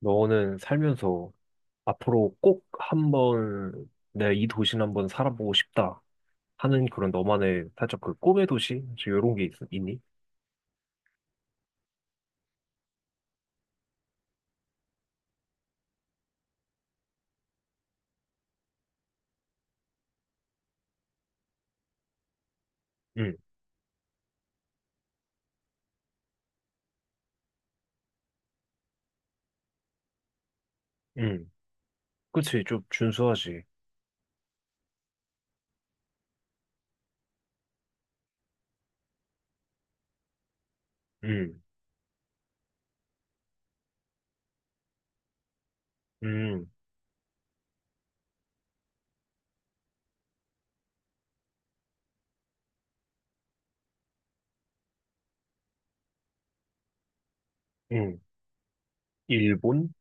너는 살면서 앞으로 꼭 한번 내가 이 도시는 한번 살아보고 싶다 하는 그런 너만의 살짝 그 꿈의 도시? 이런 게 있니? 응, 응. 그치, 좀 준수하지. 응, 응, 응. 일본?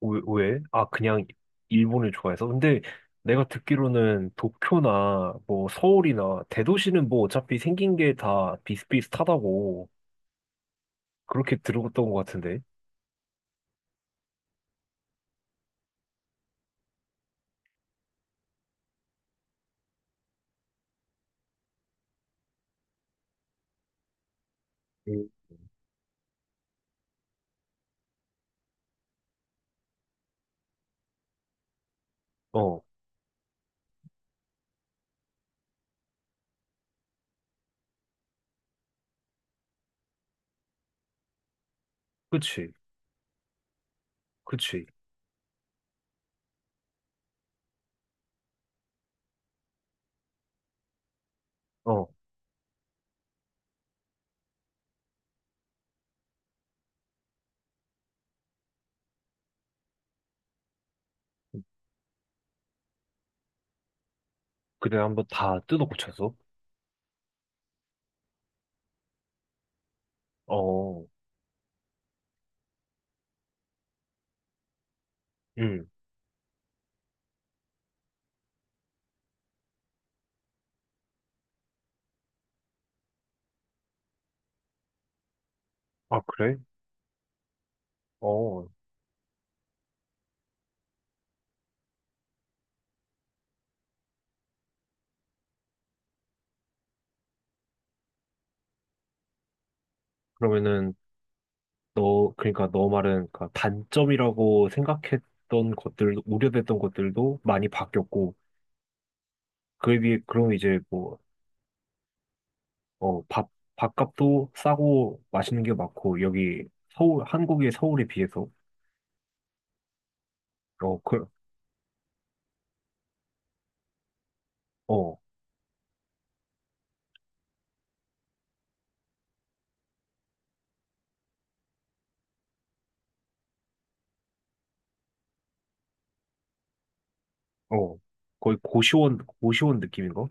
왜? 왜? 아, 그냥 일본을 좋아해서? 근데 내가 듣기로는 도쿄나 뭐 서울이나 대도시는 뭐 어차피 생긴 게 다 비슷비슷하다고 그렇게 들었던 것 같은데. 응. 어, 그치, 그치. 어. 그래, 한번 다 뜯어 고쳐서? 어, 응. 아, 그래? 어. 그러면은, 너, 그러니까 너 말은, 그러니까 단점이라고 생각했던 것들, 우려됐던 것들도 많이 바뀌었고, 그에 비해, 그럼 이제 뭐, 어, 밥값도 싸고 맛있는 게 많고, 여기 서울, 한국의 서울에 비해서, 어, 그, 어, 어. 거의 고시원 느낌인가?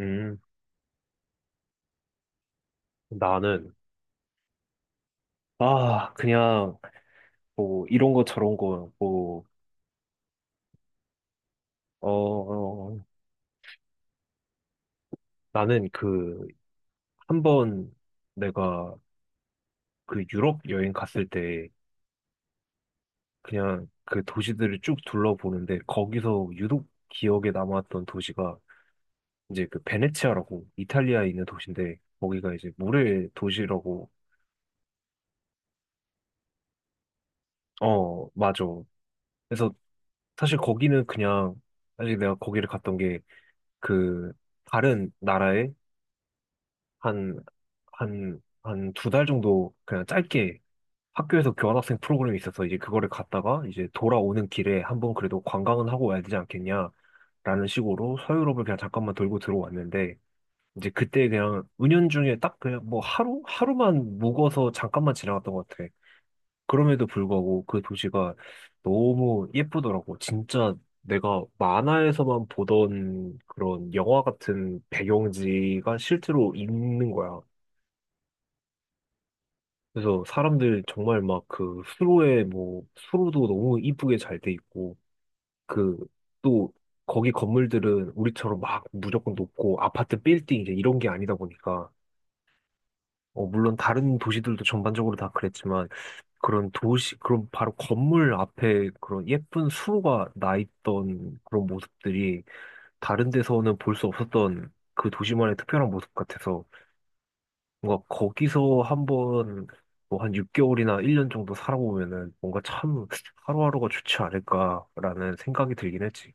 음, 나는, 아, 그냥, 뭐, 이런 거 저런 거, 뭐, 어, 어, 어. 나는 그, 한 번 내가 그 유럽 여행 갔을 때 그냥 그 도시들을 쭉 둘러보는데 거기서 유독 기억에 남았던 도시가 이제 그 베네치아라고 이탈리아에 있는 도시인데 거기가 이제 물의 도시라고. 어, 맞아. 그래서 사실 거기는 그냥 사실 내가 거기를 갔던 게 그 다른 나라에 한, 한 두 달 정도 그냥 짧게 학교에서 교환학생 프로그램이 있어서 이제 그거를 갔다가 이제 돌아오는 길에 한번 그래도 관광은 하고 와야 되지 않겠냐라는 식으로 서유럽을 그냥 잠깐만 돌고 들어왔는데 이제 그때 그냥 은연중에 딱 그냥 뭐 하루 하루만 묵어서 잠깐만 지나갔던 것 같아. 그럼에도 불구하고 그 도시가 너무 예쁘더라고. 진짜 내가 만화에서만 보던 그런 영화 같은 배경지가 실제로 있는 거야. 그래서 사람들 정말 막 그 수로에 뭐 수로도 너무 이쁘게 잘 돼 있고 그 또 거기 건물들은 우리처럼 막 무조건 높고 아파트 빌딩 이제 이런 게 아니다 보니까 어, 물론 다른 도시들도 전반적으로 다 그랬지만 그런 도시 그런 바로 건물 앞에 그런 예쁜 수로가 나 있던 그런 모습들이 다른 데서는 볼 수 없었던 그 도시만의 특별한 모습 같아서 뭔가 거기서 한번 뭐 한 6개월이나 1년 정도 살아보면은 뭔가 참 하루하루가 좋지 않을까라는 생각이 들긴 했지.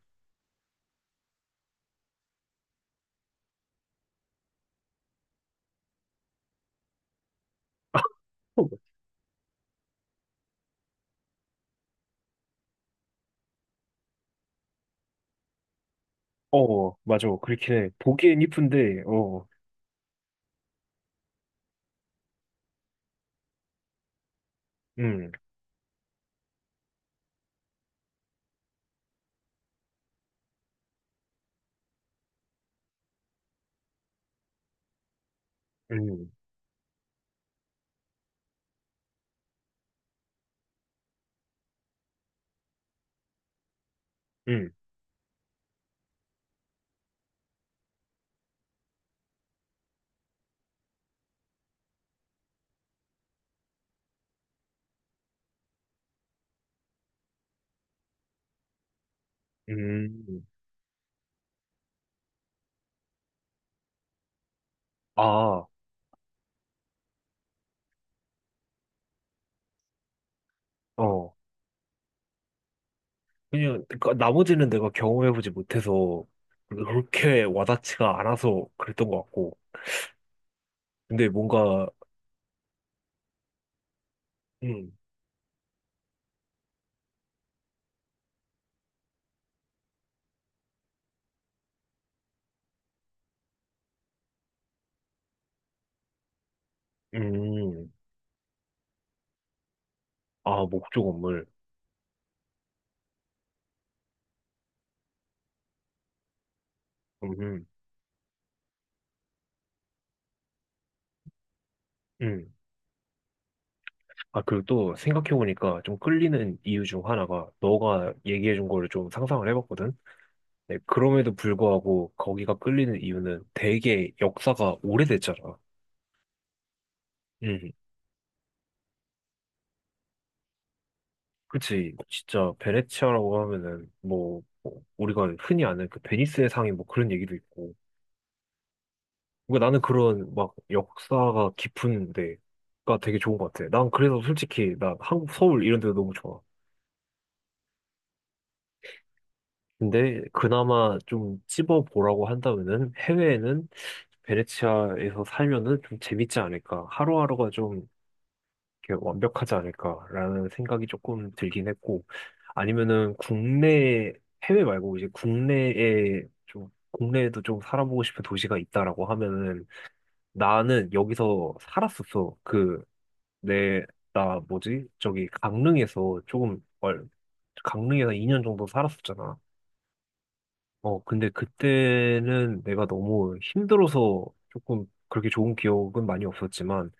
어, 어, 맞아. 그렇긴 해. 보기엔 이쁜데, 어, 음, 음, 음, 음. 아, 어. 그냥, 그러니까 나머지는 내가 경험해보지 못해서 그렇게 와닿지가 않아서 그랬던 것 같고. 근데 뭔가, 음, 음, 아, 목조 건물. 음, 음. 음. 아, 그리고 또 생각해보니까 좀 끌리는 이유 중 하나가 너가 얘기해준 거를 좀 상상을 해봤거든? 네, 그럼에도 불구하고 거기가 끌리는 이유는 되게 역사가 오래됐잖아. 음, 그치. 진짜 베네치아라고 하면은 뭐 우리가 흔히 아는 그 베니스의 상이 뭐 그런 얘기도 있고. 그러니까 나는 그런 막 역사가 깊은 데가 되게 좋은 것 같아. 난 그래서 솔직히 나 한국 서울 이런 데도 너무 좋아. 근데 그나마 좀 찝어보라고 한다면은 해외에는 베네치아에서 살면은 좀 재밌지 않을까. 하루하루가 좀 이렇게 완벽하지 않을까라는 생각이 조금 들긴 했고, 아니면은 국내, 해외 말고 이제 국내에 좀, 국내에도 좀 살아보고 싶은 도시가 있다라고 하면은 나는 여기서 살았었어. 그, 내, 나 뭐지? 저기 강릉에서 조금, 강릉에서 2년 정도 살았었잖아. 어, 근데 그때는 내가 너무 힘들어서 조금 그렇게 좋은 기억은 많이 없었지만,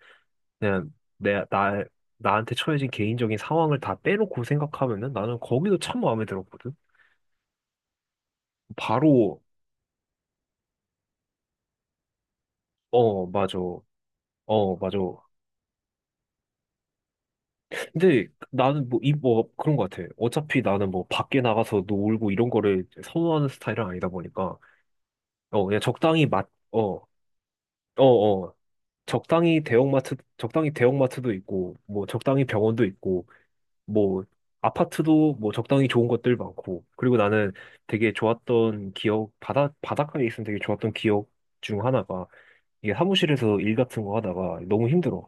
그냥 내, 나, 나한테 처해진 개인적인 상황을 다 빼놓고 생각하면은 나는 거기도 참 마음에 들었거든? 바로, 어, 맞아. 어, 맞아. 근데 나는 뭐, 이, 뭐, 그런 것 같아. 어차피 나는 뭐, 밖에 나가서 놀고 이런 거를 선호하는 스타일은 아니다 보니까, 어, 그냥 적당히 어, 어. 적당히 대형마트, 적당히 대형마트도 있고, 뭐, 적당히 병원도 있고, 뭐 아파트도 뭐 적당히 좋은 것들 많고 그리고 나는 되게 좋았던 기억 바다 바닷가에 있으면 되게 좋았던 기억 중 하나가 이게 사무실에서 일 같은 거 하다가 너무 힘들어.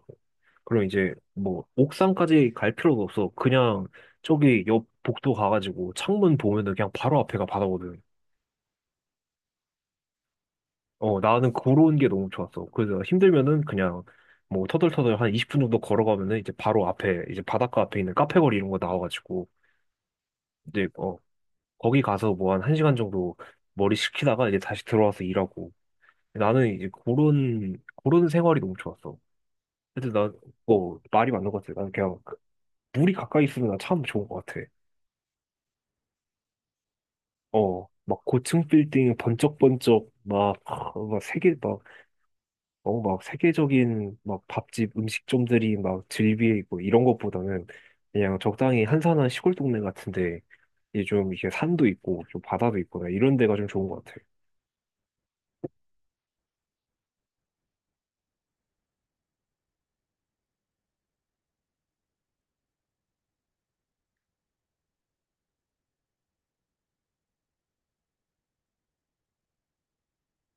그럼 이제 뭐 옥상까지 갈 필요도 없어. 그냥 저기 옆 복도 가가지고 창문 보면은 그냥 바로 앞에가 바다거든. 어, 나는 그런 게 너무 좋았어. 그래서 힘들면은 그냥 뭐 터덜터덜 한 20분 정도 걸어가면은 이제 바로 앞에 이제 바닷가 앞에 있는 카페 거리 이런 거 나와가지고 이제 어, 거기 가서 뭐 한 1시간 정도 머리 식히다가 이제 다시 들어와서 일하고. 나는 이제 그런 생활이 너무 좋았어. 근데 난, 어, 말이 맞는 것 같아. 난 그냥 그 물이 가까이 있으면 난 참 좋은 것 같아. 어, 막 고층 빌딩 번쩍번쩍 막, 아, 막 세계, 막, 어, 막 세계적인 막 밥집 음식점들이 막 즐비해 있고 이런 것보다는 그냥 적당히 한산한 시골 동네 같은데 이제 좀 이게 산도 있고 좀 바다도 있고 이런 데가 좀 좋은 것 같아.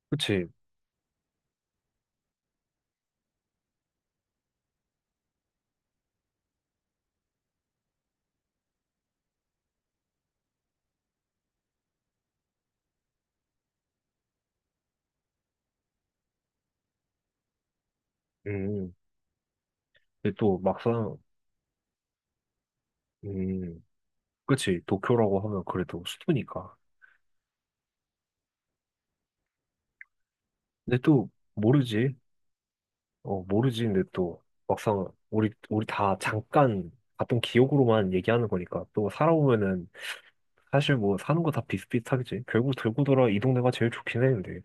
그치? 음. 근데 또 막상, 음, 그치 도쿄라고 하면 그래도 수도니까. 근데 또 모르지. 어, 모르지. 근데 또 막상 우리 다 잠깐 봤던 기억으로만 얘기하는 거니까 또 살아보면은 사실 뭐 사는 거 다 비슷비슷하겠지. 결국 들고 돌아 이 동네가 제일 좋긴 해. 근데.